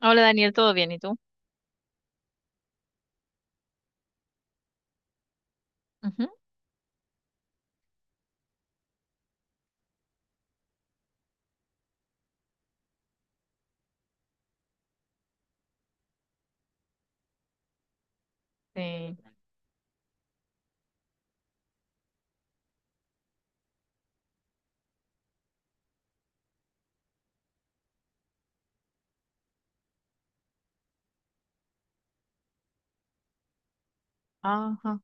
Hola Daniel, ¿todo bien? ¿Y tú? Ujú. Sí. Ajá,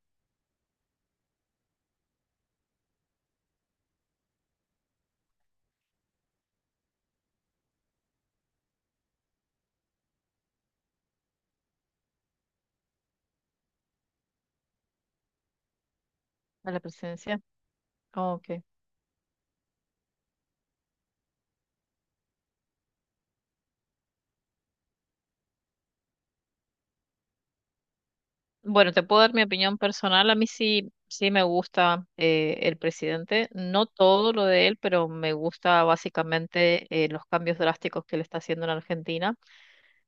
a la presencia. Ok. Bueno, te puedo dar mi opinión personal. A mí sí, sí me gusta el presidente. No todo lo de él, pero me gusta básicamente los cambios drásticos que él está haciendo en Argentina.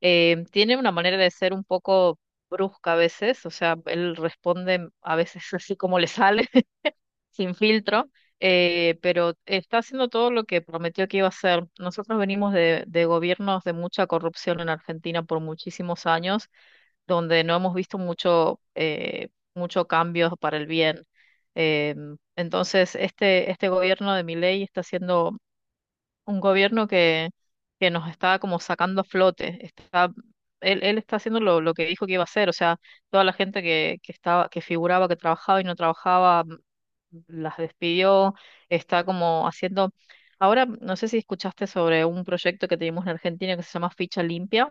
Tiene una manera de ser un poco brusca a veces, o sea, él responde a veces así como le sale. Sin filtro, pero está haciendo todo lo que prometió que iba a hacer. Nosotros venimos de gobiernos de mucha corrupción en Argentina por muchísimos años, donde no hemos visto mucho, mucho cambio para el bien. Eh, entonces, este gobierno de Milei está siendo un gobierno que nos está como sacando a flote. Está, él está haciendo lo que dijo que iba a hacer, o sea, toda la gente que estaba, que figuraba que trabajaba y no trabajaba las despidió, está como haciendo, ahora no sé si escuchaste sobre un proyecto que teníamos en Argentina que se llama Ficha Limpia.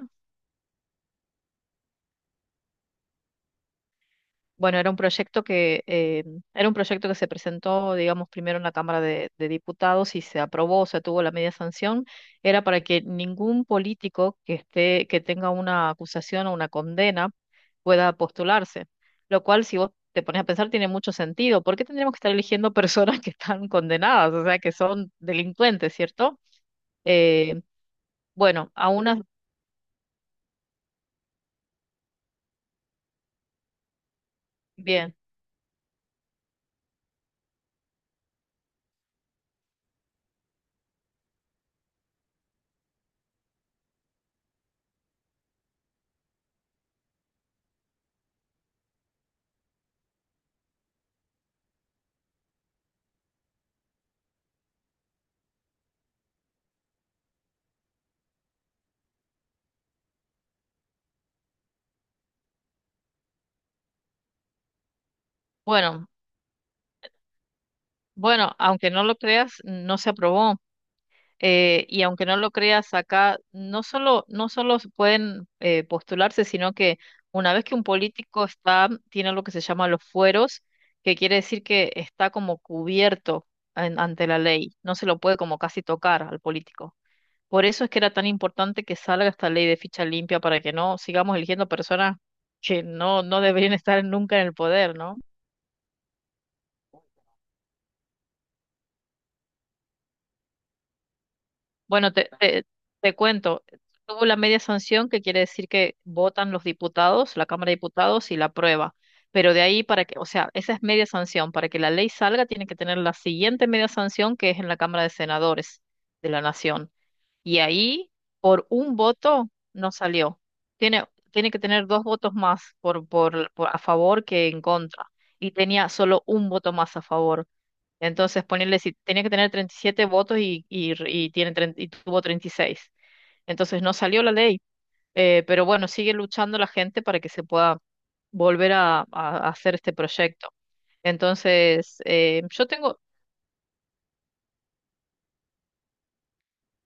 Bueno, era un proyecto que era un proyecto que se presentó, digamos, primero en la Cámara de Diputados y se aprobó, se tuvo la media sanción. Era para que ningún político que esté, que tenga una acusación o una condena pueda postularse. Lo cual, si vos te pones a pensar, tiene mucho sentido. ¿Por qué tendríamos que estar eligiendo personas que están condenadas, o sea, que son delincuentes, ¿cierto? Eh, bueno, bien. Bueno, bueno, aunque no lo creas, no se aprobó. Y aunque no lo creas acá, no solo, no solo se pueden postularse, sino que una vez que un político está, tiene lo que se llama los fueros, que quiere decir que está como cubierto ante la ley. No se lo puede como casi tocar al político. Por eso es que era tan importante que salga esta ley de ficha limpia para que no sigamos eligiendo personas que no, no deberían estar nunca en el poder, ¿no? Bueno, te cuento, tuvo la media sanción, que quiere decir que votan los diputados, la Cámara de Diputados y la aprueba. Pero de ahí para que, o sea, esa es media sanción. Para que la ley salga, tiene que tener la siguiente media sanción, que es en la Cámara de Senadores de la Nación. Y ahí, por un voto, no salió. Tiene, tiene que tener dos votos más por a favor que en contra. Y tenía solo un voto más a favor. Entonces, ponerle si tenía que tener 37 votos y tiene, 30 y tuvo 36. Entonces, no salió la ley. Pero bueno, sigue luchando la gente para que se pueda volver a hacer este proyecto. Entonces, yo tengo,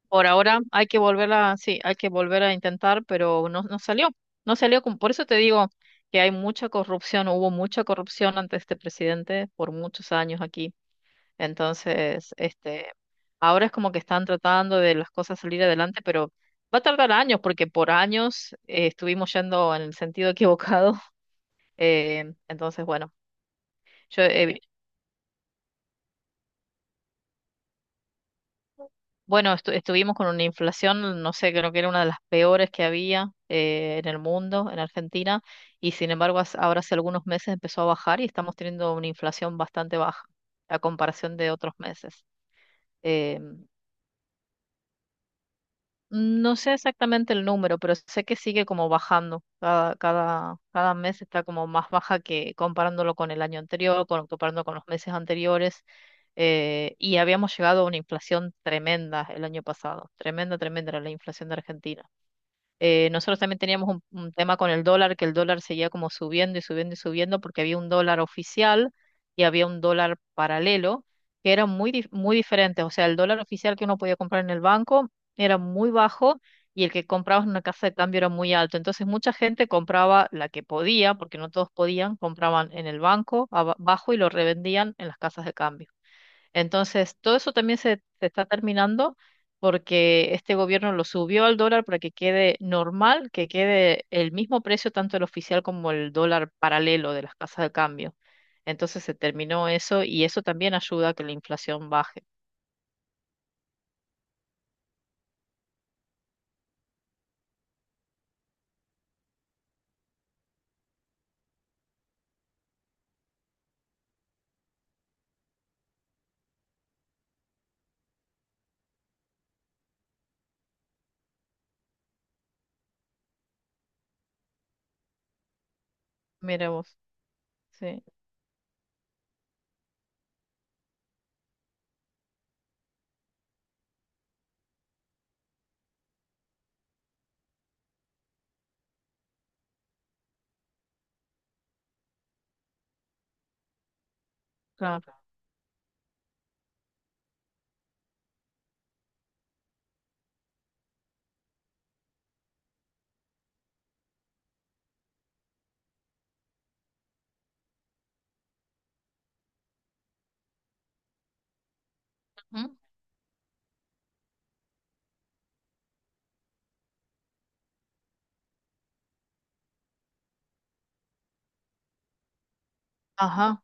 por ahora, hay que volver a, sí, hay que volver a intentar, pero no, no salió. No salió, por eso te digo que hay mucha corrupción, hubo mucha corrupción ante este presidente por muchos años aquí. Entonces, este, ahora es como que están tratando de las cosas salir adelante, pero va a tardar años porque por años estuvimos yendo en el sentido equivocado. Entonces, bueno, yo, eh, bueno, estuvimos con una inflación, no sé, creo que era una de las peores que había en el mundo, en Argentina, y sin embargo, ahora hace algunos meses empezó a bajar y estamos teniendo una inflación bastante baja a comparación de otros meses. em, No sé exactamente el número, pero sé que sigue como bajando. Cada mes está como más baja que comparándolo con el año anterior, con, comparando con los meses anteriores. Y habíamos llegado a una inflación tremenda el año pasado. Tremenda, tremenda era la inflación de Argentina. Nosotros también teníamos un tema con el dólar, que el dólar seguía como subiendo y subiendo y subiendo porque había un dólar oficial y había un dólar paralelo, que eran muy, muy diferentes. O sea, el dólar oficial que uno podía comprar en el banco era muy bajo y el que comprabas en una casa de cambio era muy alto. Entonces mucha gente compraba la que podía, porque no todos podían, compraban en el banco abajo y lo revendían en las casas de cambio. Entonces, todo eso también se está terminando porque este gobierno lo subió al dólar para que quede normal, que quede el mismo precio tanto el oficial como el dólar paralelo de las casas de cambio. Entonces se terminó eso y eso también ayuda a que la inflación baje. Mira vos, sí, claro. Ujú. Ajá,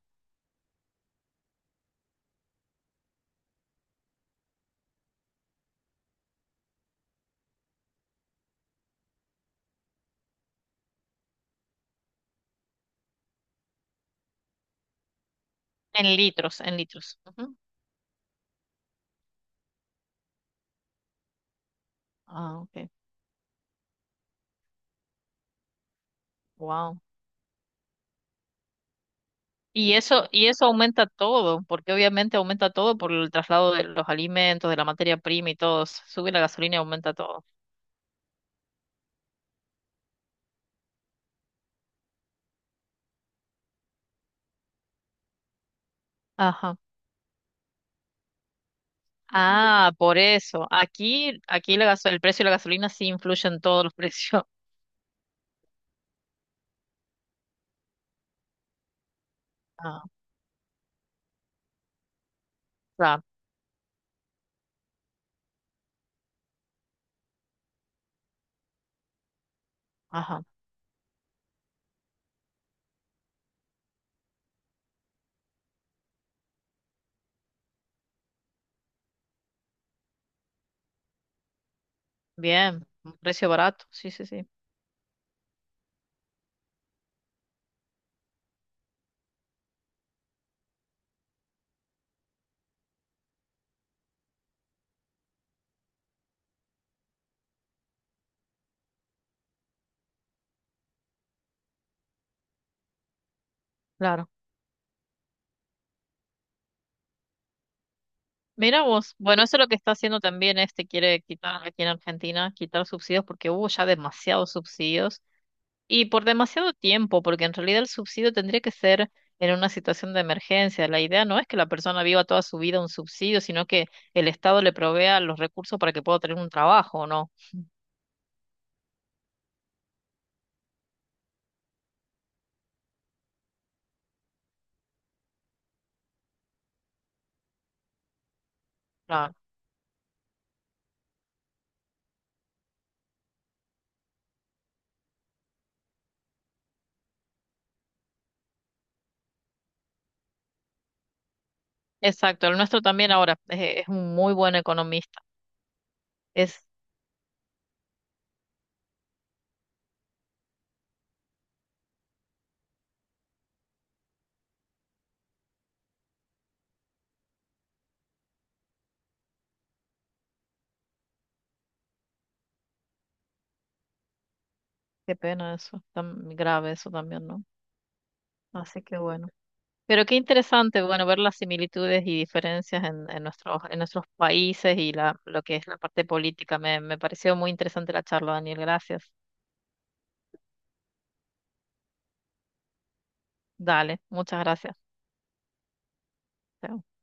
en litros, en litros. Ujú. Ah, ok. Wow. Y eso aumenta todo, porque obviamente aumenta todo por el traslado de los alimentos, de la materia prima y todo. Sube la gasolina y aumenta todo. Ajá. Ah, por eso. Aquí, aquí la el precio de la gasolina sí influye en todos los precios. Ah, claro. Ajá. Bien. Un precio barato. Sí, sí, sí. Claro. Mira vos. Bueno, eso es lo que está haciendo también este, quiere quitar aquí en Argentina, quitar subsidios porque hubo ya demasiados subsidios. Y por demasiado tiempo, porque en realidad el subsidio tendría que ser en una situación de emergencia. La idea no es que la persona viva toda su vida un subsidio, sino que el Estado le provea los recursos para que pueda tener un trabajo, ¿no? Ah, exacto, el nuestro también ahora es un muy buen economista. Es, qué pena eso, tan grave eso también, ¿no? Así que bueno. Pero qué interesante, bueno, ver las similitudes y diferencias en nuestros países y la, lo que es la parte política. Me pareció muy interesante la charla, Daniel. Gracias. Dale, muchas gracias. Chao.